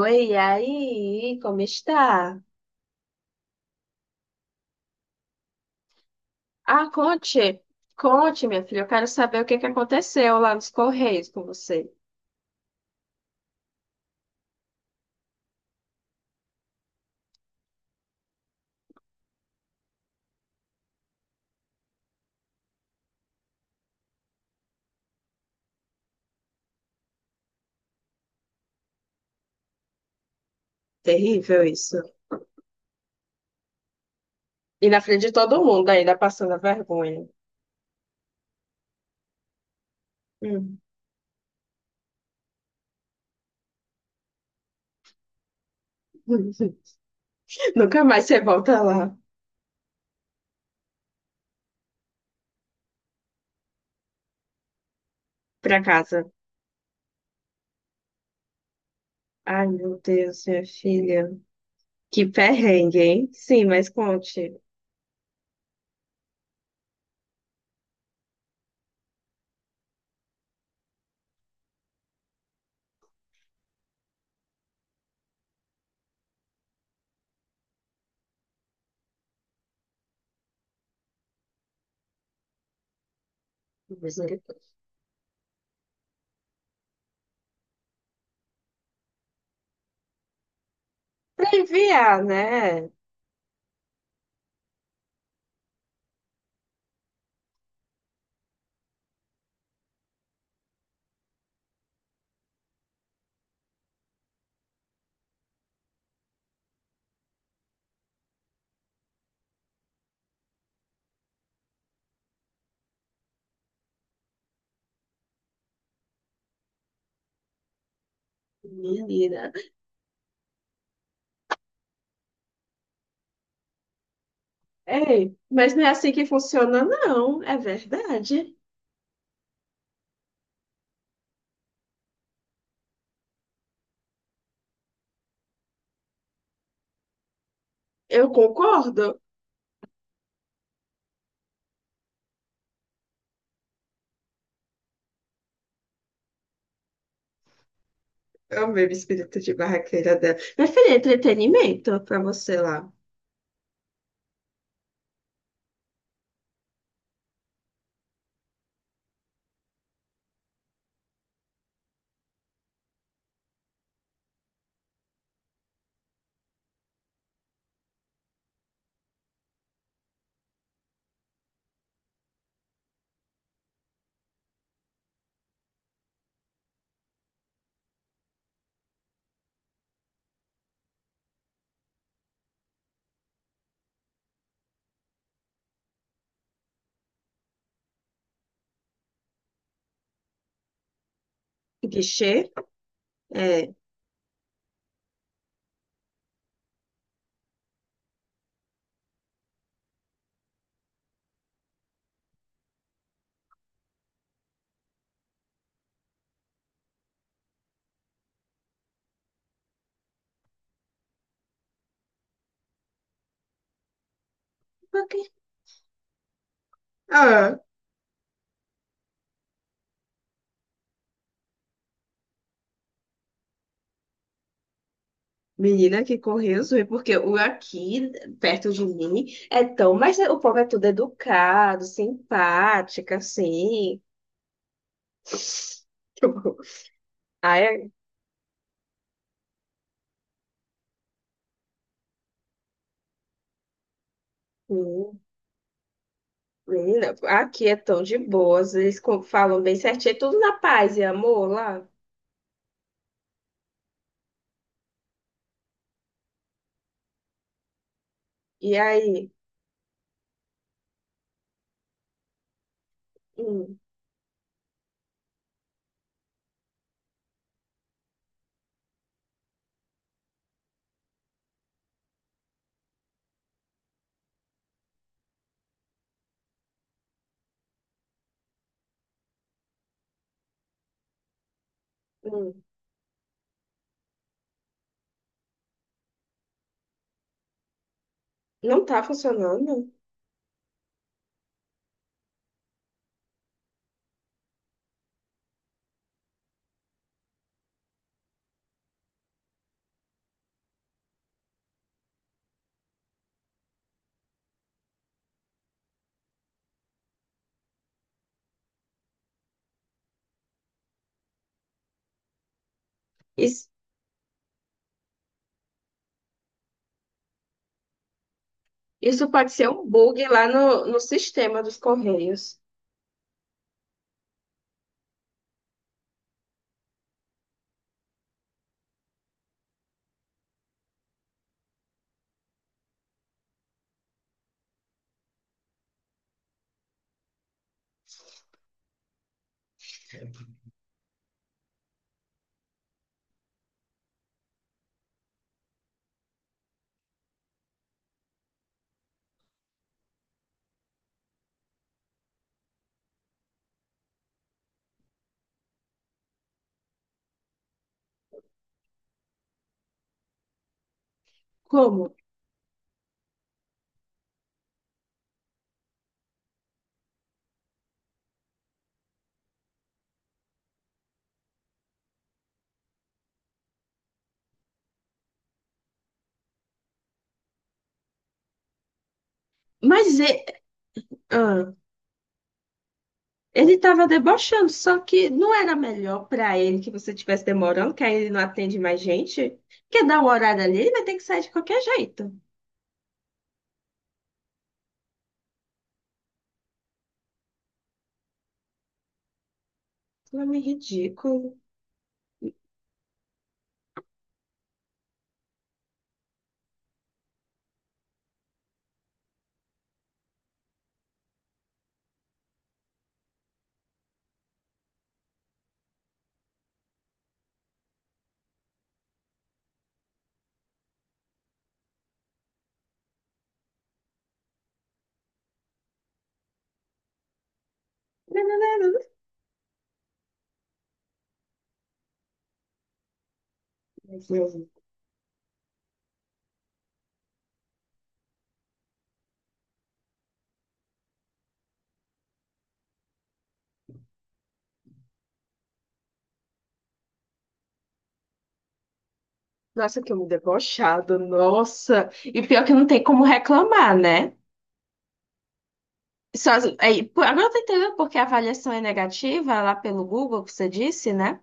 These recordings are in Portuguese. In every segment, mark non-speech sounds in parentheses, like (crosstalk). Oi, e aí, como está? Ah, conte, conte, minha filha, eu quero saber o que que aconteceu lá nos Correios com você. Terrível isso. E na frente de todo mundo ainda passando a vergonha. Hum. (laughs) Nunca mais você volta lá pra casa. Ai, meu Deus, minha filha. Que perrengue, hein? Sim, mas conte. Misericórdia. Pra enviar, né? Menina. Ei, mas não é assim que funciona, não. É verdade. Eu concordo. Eu mesmo espírito de barraqueira dela. Minha filha, entretenimento pra você lá. Guichê? É. Pra quê? Ah, menina que correu, zoei, porque o aqui, perto de mim, é tão. Mas o povo é tudo educado, simpático, assim. (laughs) Ai, é- hum, menina, aqui é tão de boas. Eles co- falam bem certinho, é tudo na paz e amor lá. E aí? Hum, hum, não tá funcionando? Isso, isso pode ser um bug lá no sistema dos Correios. Como? Mas e- ah, ele estava debochando, só que não era melhor para ele que você estivesse demorando, que aí ele não atende mais gente? Quer dar um horário ali, ele vai ter que sair de qualquer jeito. Nome ridículo. Mas eu- Nossa, que homem debochado, nossa. E pior que não tem como reclamar, né? Só, aí, pô, agora eu tô entendendo porque a avaliação é negativa lá pelo Google, que você disse, né?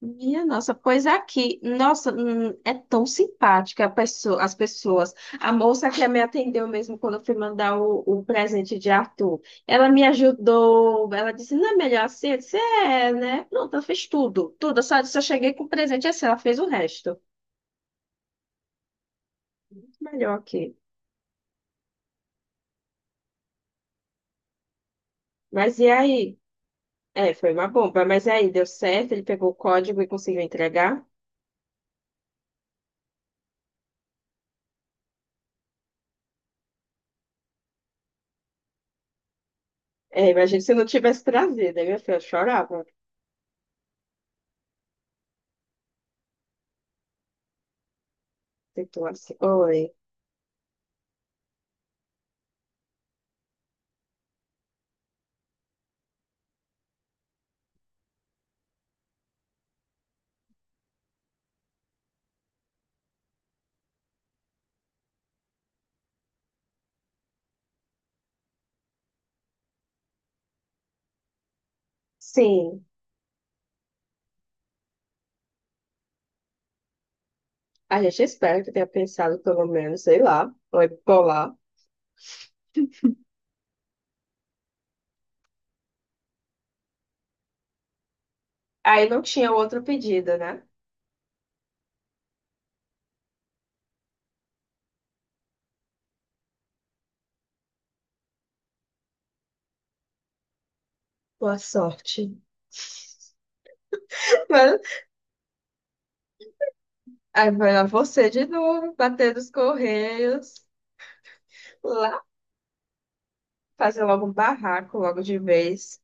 Minha nossa, pois é aqui, nossa, é tão simpática a pessoa, as pessoas. A moça que me atendeu mesmo quando eu fui mandar o presente de Arthur, ela me ajudou, ela disse, não é melhor assim? Eu disse, é, né? Pronto, ela fez tudo, tudo, eu só cheguei com o presente assim, ela fez o resto. Melhor aqui. Mas e aí? É, foi uma bomba, mas e aí, deu certo, ele pegou o código e conseguiu entregar? É, imagina se eu não tivesse trazido, aí minha filha eu chorava. Então, assim, oi, sim. A gente espera que tenha pensado, pelo menos, sei lá, foi polar. Aí não tinha outro pedido, né? Boa sorte. Mano, aí foi lá você de novo, bater nos correios, lá fazer logo um barraco, logo de vez.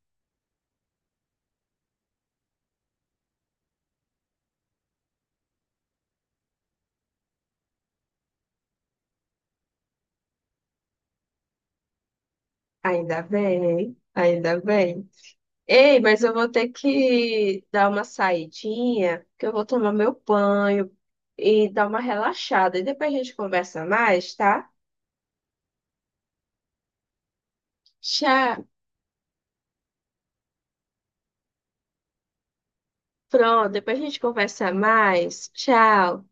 Ainda bem, ainda bem. Ei, mas eu vou ter que dar uma saidinha, que eu vou tomar meu banho e dar uma relaxada. E depois a gente conversa mais, tá? Tchau. Pronto, depois a gente conversa mais. Tchau.